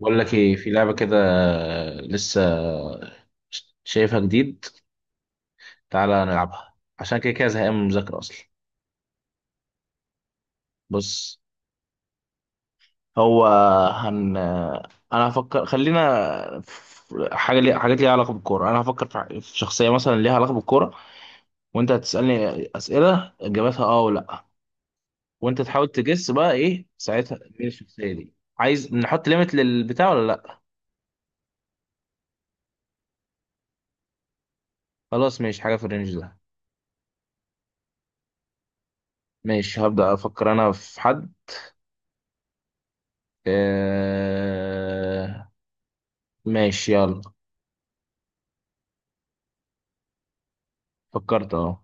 بقول لك ايه، في لعبة كده لسه شايفها جديد. تعالى نلعبها عشان كده كده زهقان من المذاكرة اصلا. بص، هو هن انا هفكر، خلينا في حاجات ليها علاقة بالكورة. انا هفكر في شخصية مثلا ليها علاقة بالكورة، وانت هتسألني أسئلة اجابتها اه ولا لا، وانت تحاول تجس بقى ايه ساعتها مين الشخصية دي. عايز نحط ليميت للبتاع ولا لا؟ خلاص ماشي، حاجة في الرينج ده. ماشي، هبدأ افكر انا في حد. آه... ماشي يلا. فكرت اهو.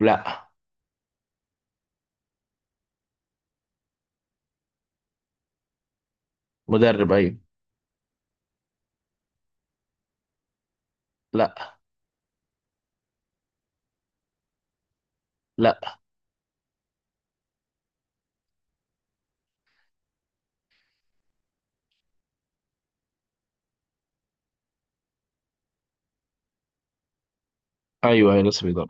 لا. مدرب، ايوه. لا. لا. ايوه، ايوه لسه بيدرب.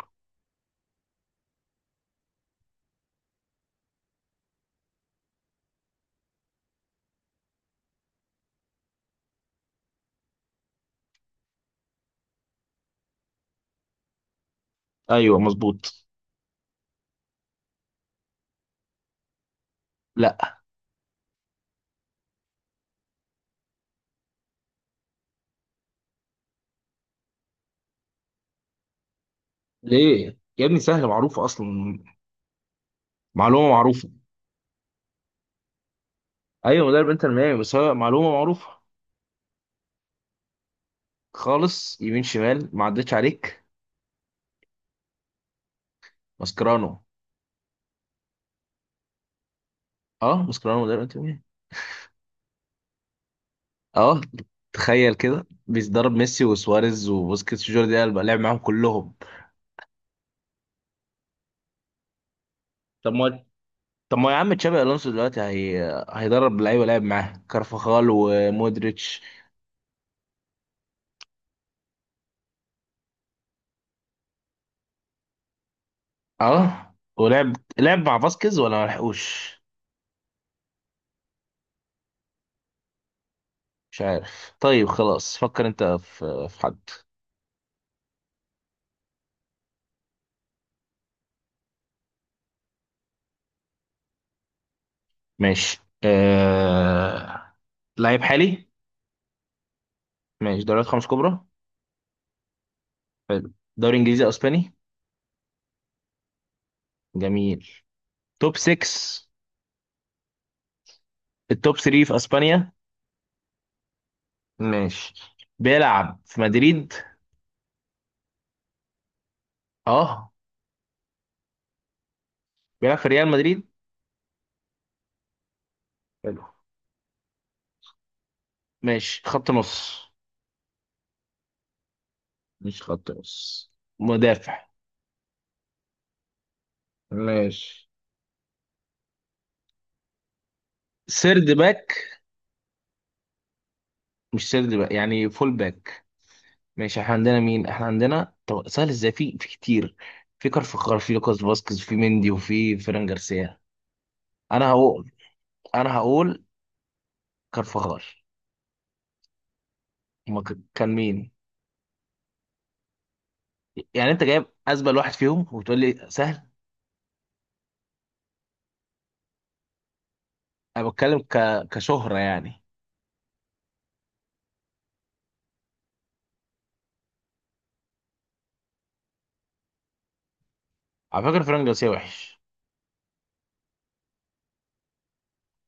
ايوه مظبوط. لا. ليه يا ابني؟ سهله معروفه اصلا، معلومه معروفه. ايوه مدرب انتر ميامي، بس هو معلومه معروفه. خالص يمين شمال، ما عدتش عليك. ماسكرانو. اه، ماسكرانو مدرب انتر ميامي. اه. تخيل كده، بيدرب ميسي وسواريز وبوسكيتس وجوردي ألبا، لعب معاهم كلهم. طب ما طب ما يا عم، تشابي الونسو دلوقتي هيدرب لعيبه لعب معاه كارفاخال ومودريتش. اه، لعب مع فاسكيز ولا ما لحقوش؟ مش عارف. طيب خلاص، فكر انت في حد. ماشي. آه... لعيب حالي. ماشي، دوريات 5 كبرى. حلو. دوري انجليزي اسباني. جميل. توب 6. التوب 3 في اسبانيا. ماشي. بيلعب في مدريد. اه. بيلعب في ريال مدريد. حلو. ماشي، خط نص. مش خط نص، مدافع. ماشي. سيرد باك. مش سيرد باك، يعني فول باك. ماشي، احنا عندنا مين؟ احنا عندنا طب سهل ازاي؟ في كتير. في كارفخال، في لوكاس فاسكيز، في مندي، وفي فيران جارسيا. انا هقول انا هقول كارفخال. هما كان مين؟ يعني انت جايب ازبل واحد فيهم وبتقول لي سهل؟ انا بتكلم كشهرة يعني. على فكرة فيران جارسيا وحش.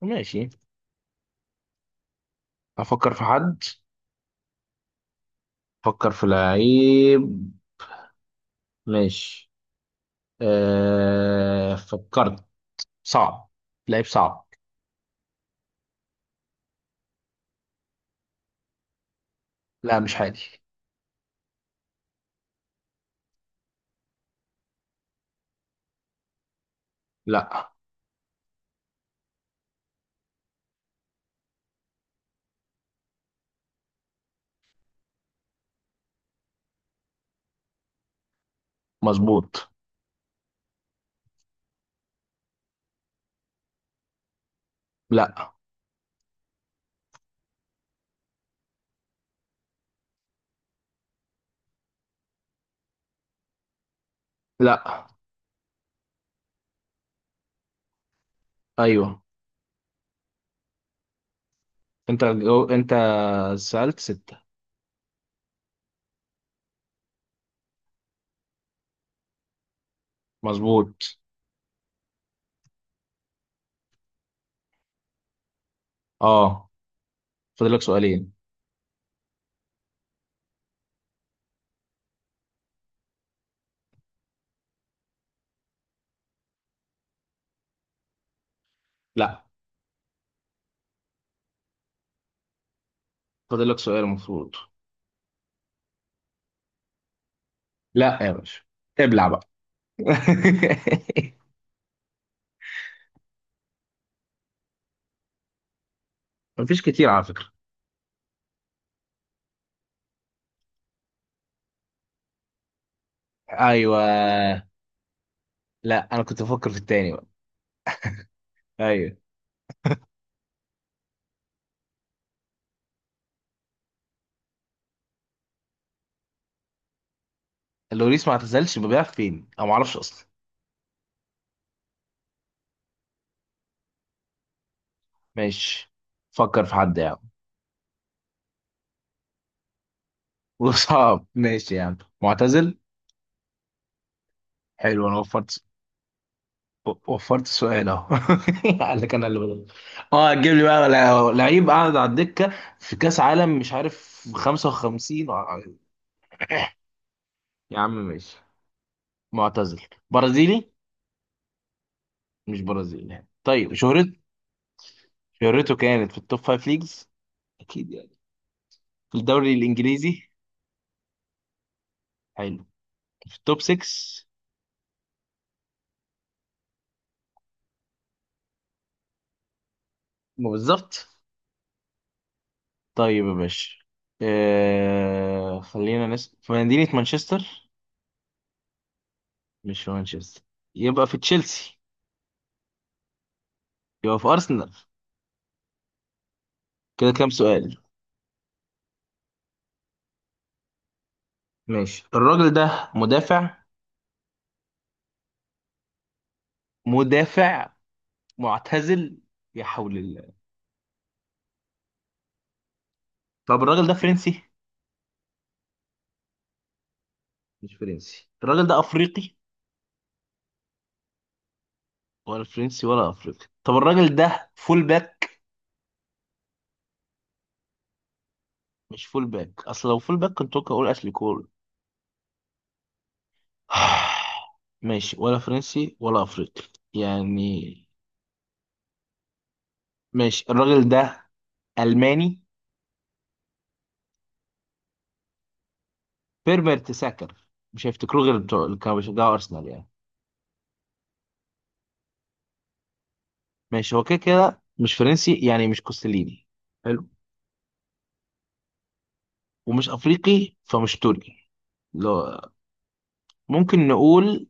ماشي. افكر في حد. افكر في لعيب. ماشي. فكرت. صعب، لعيب صعب. لا مش حالي. لا. مظبوط. لا. لا. ايوه. انت انت سألت 6. مظبوط. اه، فاضل لك سؤالين. لا فاضل لك سؤال المفروض. لا يا باشا، ابلع بقى. مفيش كتير على فكرة. ايوه. لا انا كنت بفكر في التاني بقى. ايوه. اللوريس ما اعتزلش، بيبيع فين انا ما اعرفش اصلا. ماشي، فكر في حد يعني. وصعب، ماشي يا عم، معتزل. حلو، انا وفرت. وفرت سؤال اهو. قال لك انا اللي بدل. اه هتجيب لي بقى لعيب قاعد على الدكه في كاس عالم مش عارف 55؟ يا عم ماشي. معتزل. برازيلي. مش برازيلي يعني، طيب شهرت، شهرته كانت في التوب 5 ليجز اكيد يعني. في الدوري الانجليزي. حلو، في التوب 6. ما بالظبط. طيب يا باشا، خلينا نسأل في مدينة مانشستر. مش في مانشستر، يبقى في تشيلسي. يبقى في أرسنال. كده كام سؤال؟ ماشي، الراجل ده مدافع. مدافع. معتزل. يا حول الله. طب الراجل ده فرنسي؟ مش فرنسي، الراجل ده أفريقي؟ ولا فرنسي ولا أفريقي، طب الراجل ده فول باك؟ مش فول باك، أصل لو فول باك كنت ممكن أقول أشلي كول. ماشي، ولا فرنسي ولا أفريقي يعني. ماشي الراجل ده ألماني؟ بيرمر تساكر، مش هيفتكروه غير بتوع اللي كانوا بيشجعوا أرسنال يعني. ماشي، هو كده كده مش فرنسي يعني، مش كوستليني، حلو، ومش افريقي فمش تركي. لا. ممكن نقول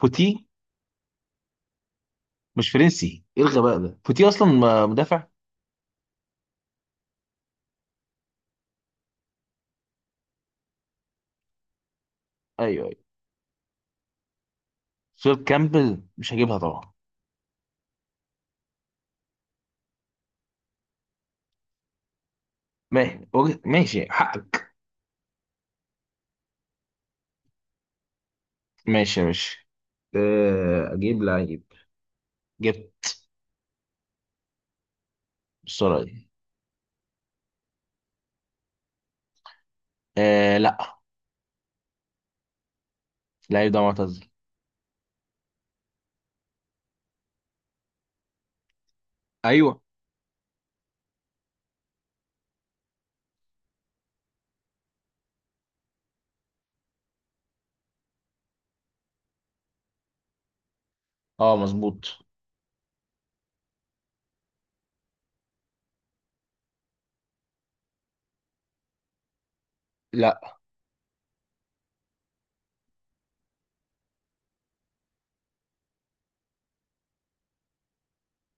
بوتي. مش فرنسي، ايه الغباء ده؟ بوتي اصلا مدافع. ايوه ايوه. فيل كامبل مش هجيبها طبعا. ماشي حقك. ماشي يا باشا، اجيب لعيب. جبت. بالسرعه دي. آه لا. اللعيب ده معتزل. ايوه. اه مظبوط. لا.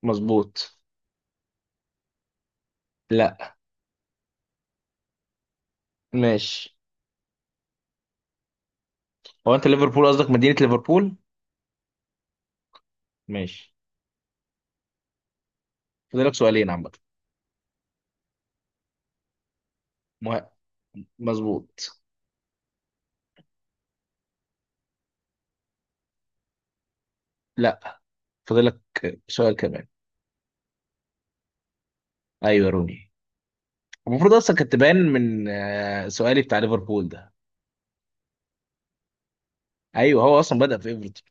مظبوط. لا. ماشي، هو انت ليفربول قصدك مدينة ليفربول؟ ماشي. فاضلك سؤالين عامة. مه- مظبوط. لا، فاضلك سؤال كمان. ايوه روني. المفروض اصلا كانت تبان من سؤالي بتاع ليفربول ده. ايوه هو اصلا بدأ في ايفرتون.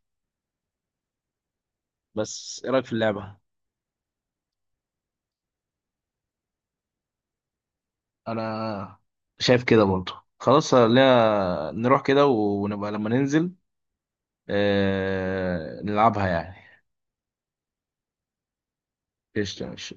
بس ايه رايك في اللعبة؟ انا شايف كده برضه، خلاص لا نروح كده ونبقى لما ننزل نلعبها يعني. قشطة ماشي.